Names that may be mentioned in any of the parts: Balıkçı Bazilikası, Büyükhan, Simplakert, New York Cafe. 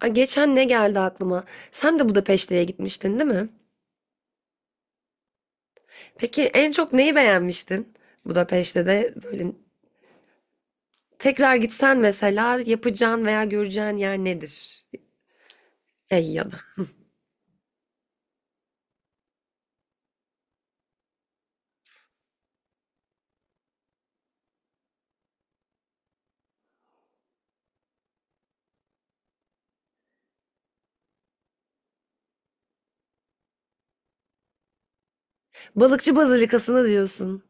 Ay, geçen ne geldi aklıma? Sen de Budapeşte'ye gitmiştin, değil mi? Peki en çok neyi beğenmiştin Budapeşte'de? Böyle tekrar gitsen mesela yapacağın veya göreceğin yer nedir? Şey ya da. Balıkçı Bazilikası'nı diyorsun.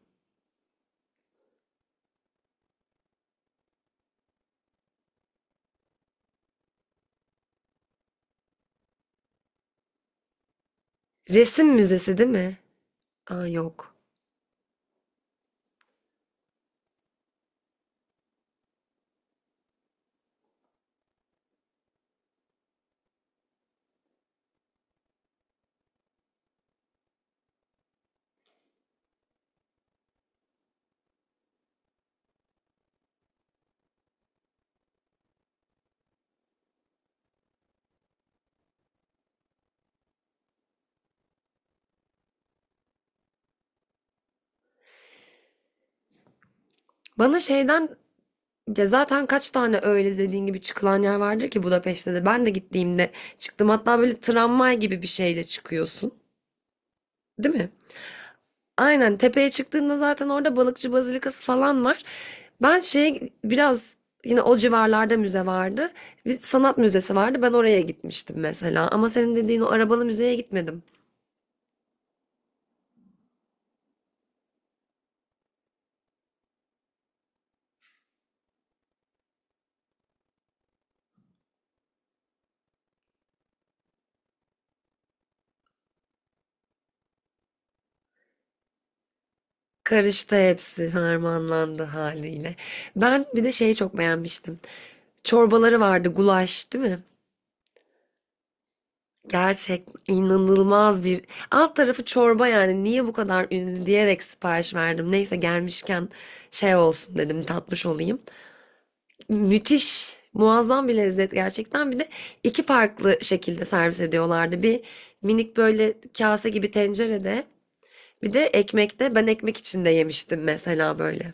Resim müzesi değil mi? Aa yok. Bana şeyden ya zaten kaç tane öyle dediğin gibi çıkılan yer vardır ki Budapeşte'de. Ben de gittiğimde çıktım. Hatta böyle tramvay gibi bir şeyle çıkıyorsun. Değil mi? Aynen tepeye çıktığında zaten orada balıkçı bazilikası falan var. Ben şey biraz yine o civarlarda müze vardı. Bir sanat müzesi vardı. Ben oraya gitmiştim mesela. Ama senin dediğin o arabalı müzeye gitmedim. Karıştı hepsi harmanlandı haliyle. Ben bir de şeyi çok beğenmiştim. Çorbaları vardı gulaş değil mi? Gerçek inanılmaz bir alt tarafı çorba yani niye bu kadar ünlü diyerek sipariş verdim. Neyse gelmişken şey olsun dedim tatmış olayım. Müthiş, muazzam bir lezzet gerçekten. Bir de iki farklı şekilde servis ediyorlardı. Bir minik böyle kase gibi tencerede, bir de ekmekte. Ben ekmek içinde yemiştim mesela böyle.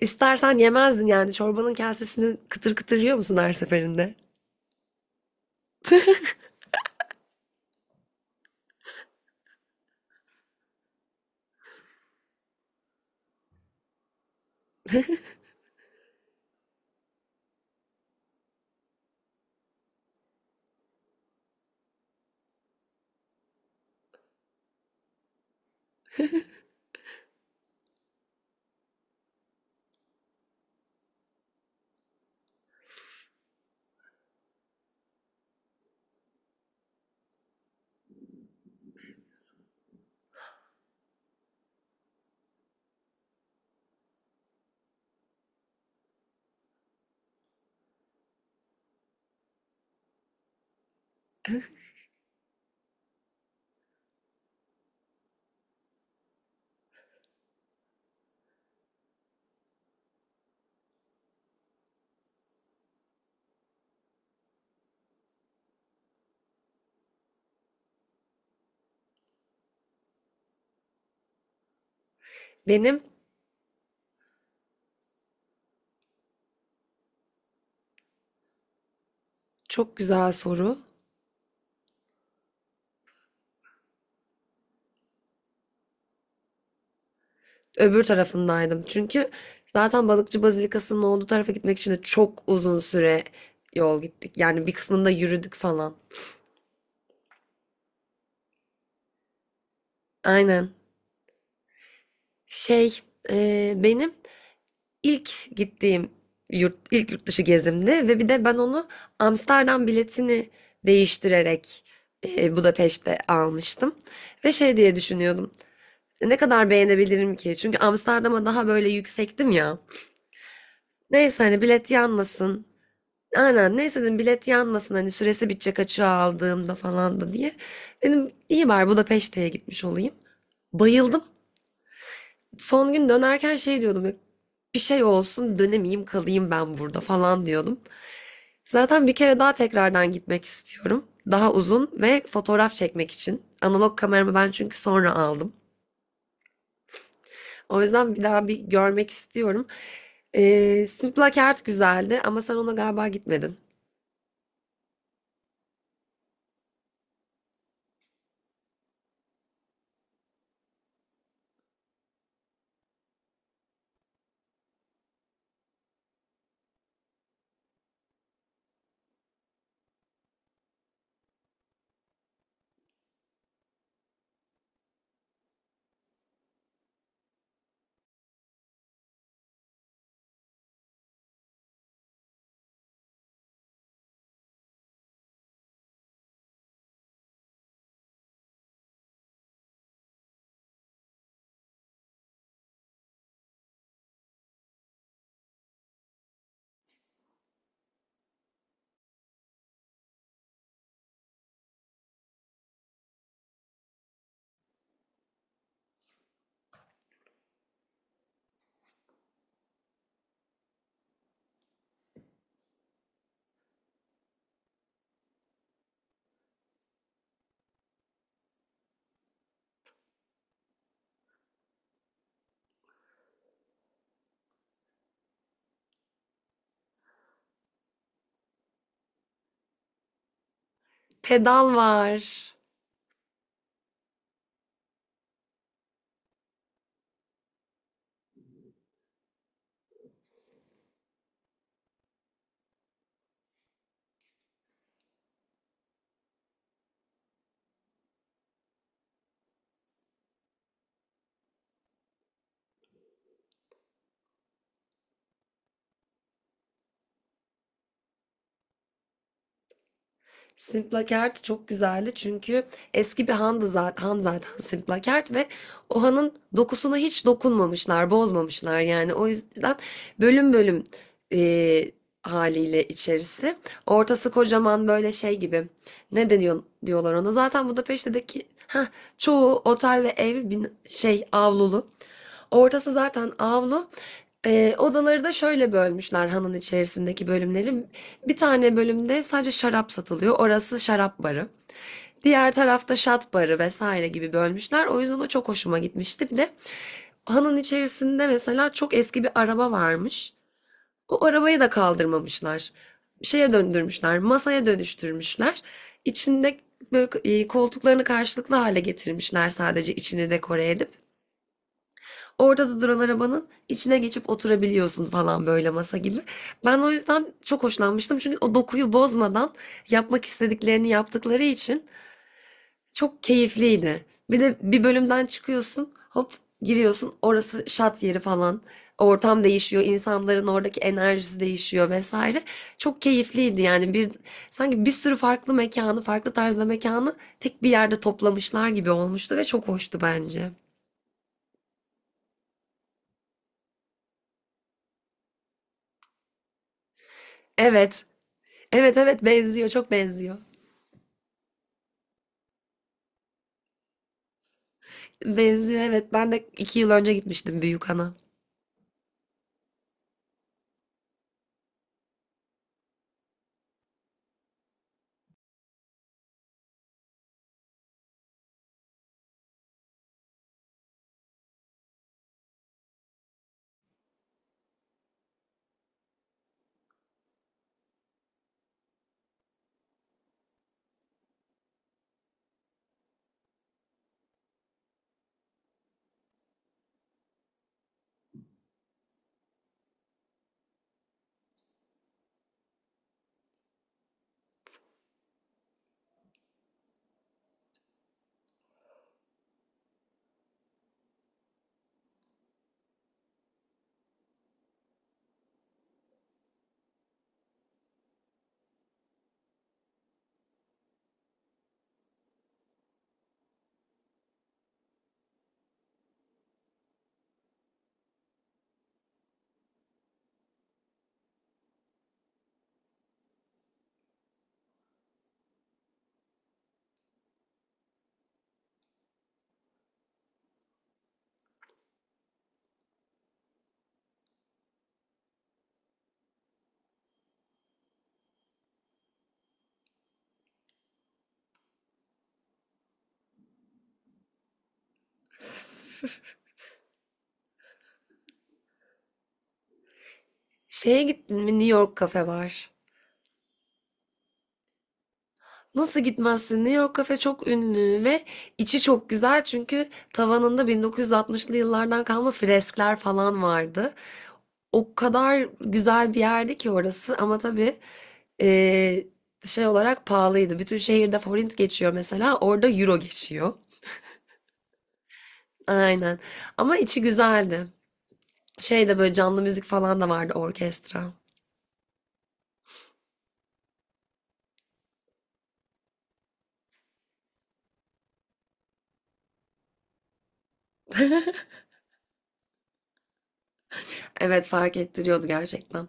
İstersen yemezdin yani çorbanın kasesini kıtır kıtır yiyor musun her seferinde? Benim çok güzel soru. Öbür tarafındaydım. Çünkü zaten balıkçı bazilikasının olduğu tarafa gitmek için de çok uzun süre yol gittik. Yani bir kısmında yürüdük falan. Aynen. Şey, benim İlk gittiğim yurt, ilk yurt dışı gezimdi ve bir de ben onu Amsterdam biletini değiştirerek Budapeşte almıştım. Ve şey diye düşünüyordum. Ne kadar beğenebilirim ki? Çünkü Amsterdam'a daha böyle yüksektim ya. Neyse hani bilet yanmasın. Aynen neyse dedim bilet yanmasın hani süresi bitecek açığa aldığımda falan da diye. Dedim iyi bari Budapeşte'ye gitmiş olayım. Bayıldım. Son gün dönerken şey diyordum. Bir şey olsun dönemeyeyim kalayım ben burada falan diyordum. Zaten bir kere daha tekrardan gitmek istiyorum. Daha uzun ve fotoğraf çekmek için. Analog kameramı ben çünkü sonra aldım. O yüzden bir daha bir görmek istiyorum. Simplakert güzeldi ama sen ona galiba gitmedin. Pedal var. Simplakert çok güzeldi çünkü eski bir handı zaten, han zaten Simplakert ve o hanın dokusuna hiç dokunmamışlar, bozmamışlar yani. O yüzden bölüm bölüm e, haliyle içerisi. Ortası kocaman böyle şey gibi. Ne deniyor diyorlar ona. Zaten Budapeşte'deki heh, çoğu otel ve ev şey avlulu. Ortası zaten avlu. Odaları da şöyle bölmüşler hanın içerisindeki bölümleri. Bir tane bölümde sadece şarap satılıyor. Orası şarap barı. Diğer tarafta şat barı vesaire gibi bölmüşler. O yüzden o çok hoşuma gitmişti. Bir de hanın içerisinde mesela çok eski bir araba varmış. O arabayı da kaldırmamışlar. Şeye döndürmüşler, masaya dönüştürmüşler. İçinde böyle koltuklarını karşılıklı hale getirmişler sadece içini dekore edip. Orada da duran arabanın içine geçip oturabiliyorsun falan böyle masa gibi. Ben o yüzden çok hoşlanmıştım. Çünkü o dokuyu bozmadan yapmak istediklerini yaptıkları için çok keyifliydi. Bir de bir bölümden çıkıyorsun, hop giriyorsun. Orası şat yeri falan. Ortam değişiyor, insanların oradaki enerjisi değişiyor vesaire. Çok keyifliydi yani bir sanki bir sürü farklı mekanı, farklı tarzda mekanı tek bir yerde toplamışlar gibi olmuştu ve çok hoştu bence. Evet, evet evet benziyor çok benziyor. Benziyor evet, ben de 2 yıl önce gitmiştim Büyükhan'a. Şeye gittin mi, New York Cafe var. Nasıl gitmezsin? New York Cafe çok ünlü ve içi çok güzel çünkü tavanında 1960'lı yıllardan kalma freskler falan vardı. O kadar güzel bir yerdi ki orası ama tabii eee, şey olarak pahalıydı. Bütün şehirde forint geçiyor mesela orada euro geçiyor. Aynen ama içi güzeldi. Şey de böyle canlı müzik falan da vardı orkestra. Evet fark ettiriyordu gerçekten.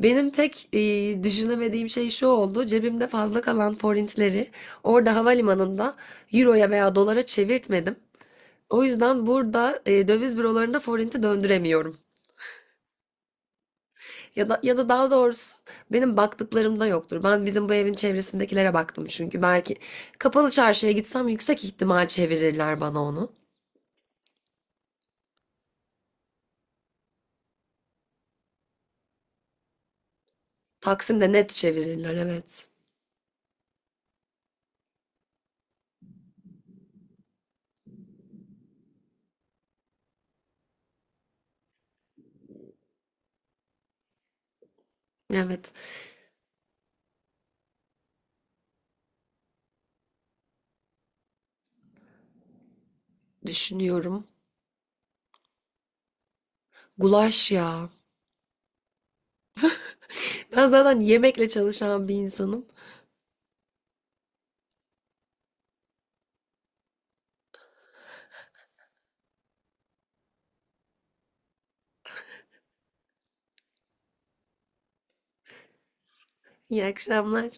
Benim tek düşünemediğim şey şu oldu. Cebimde fazla kalan forintleri orada havalimanında euroya veya dolara çevirtmedim. O yüzden burada döviz bürolarında forinti döndüremiyorum. Ya da daha doğrusu benim baktıklarımda yoktur. Ben bizim bu evin çevresindekilere baktım çünkü belki kapalı çarşıya gitsem yüksek ihtimal çevirirler bana onu. Taksim'de net çevirirler evet. Evet düşünüyorum. Gulaş ya. Ben zaten yemekle çalışan bir insanım. İyi akşamlar.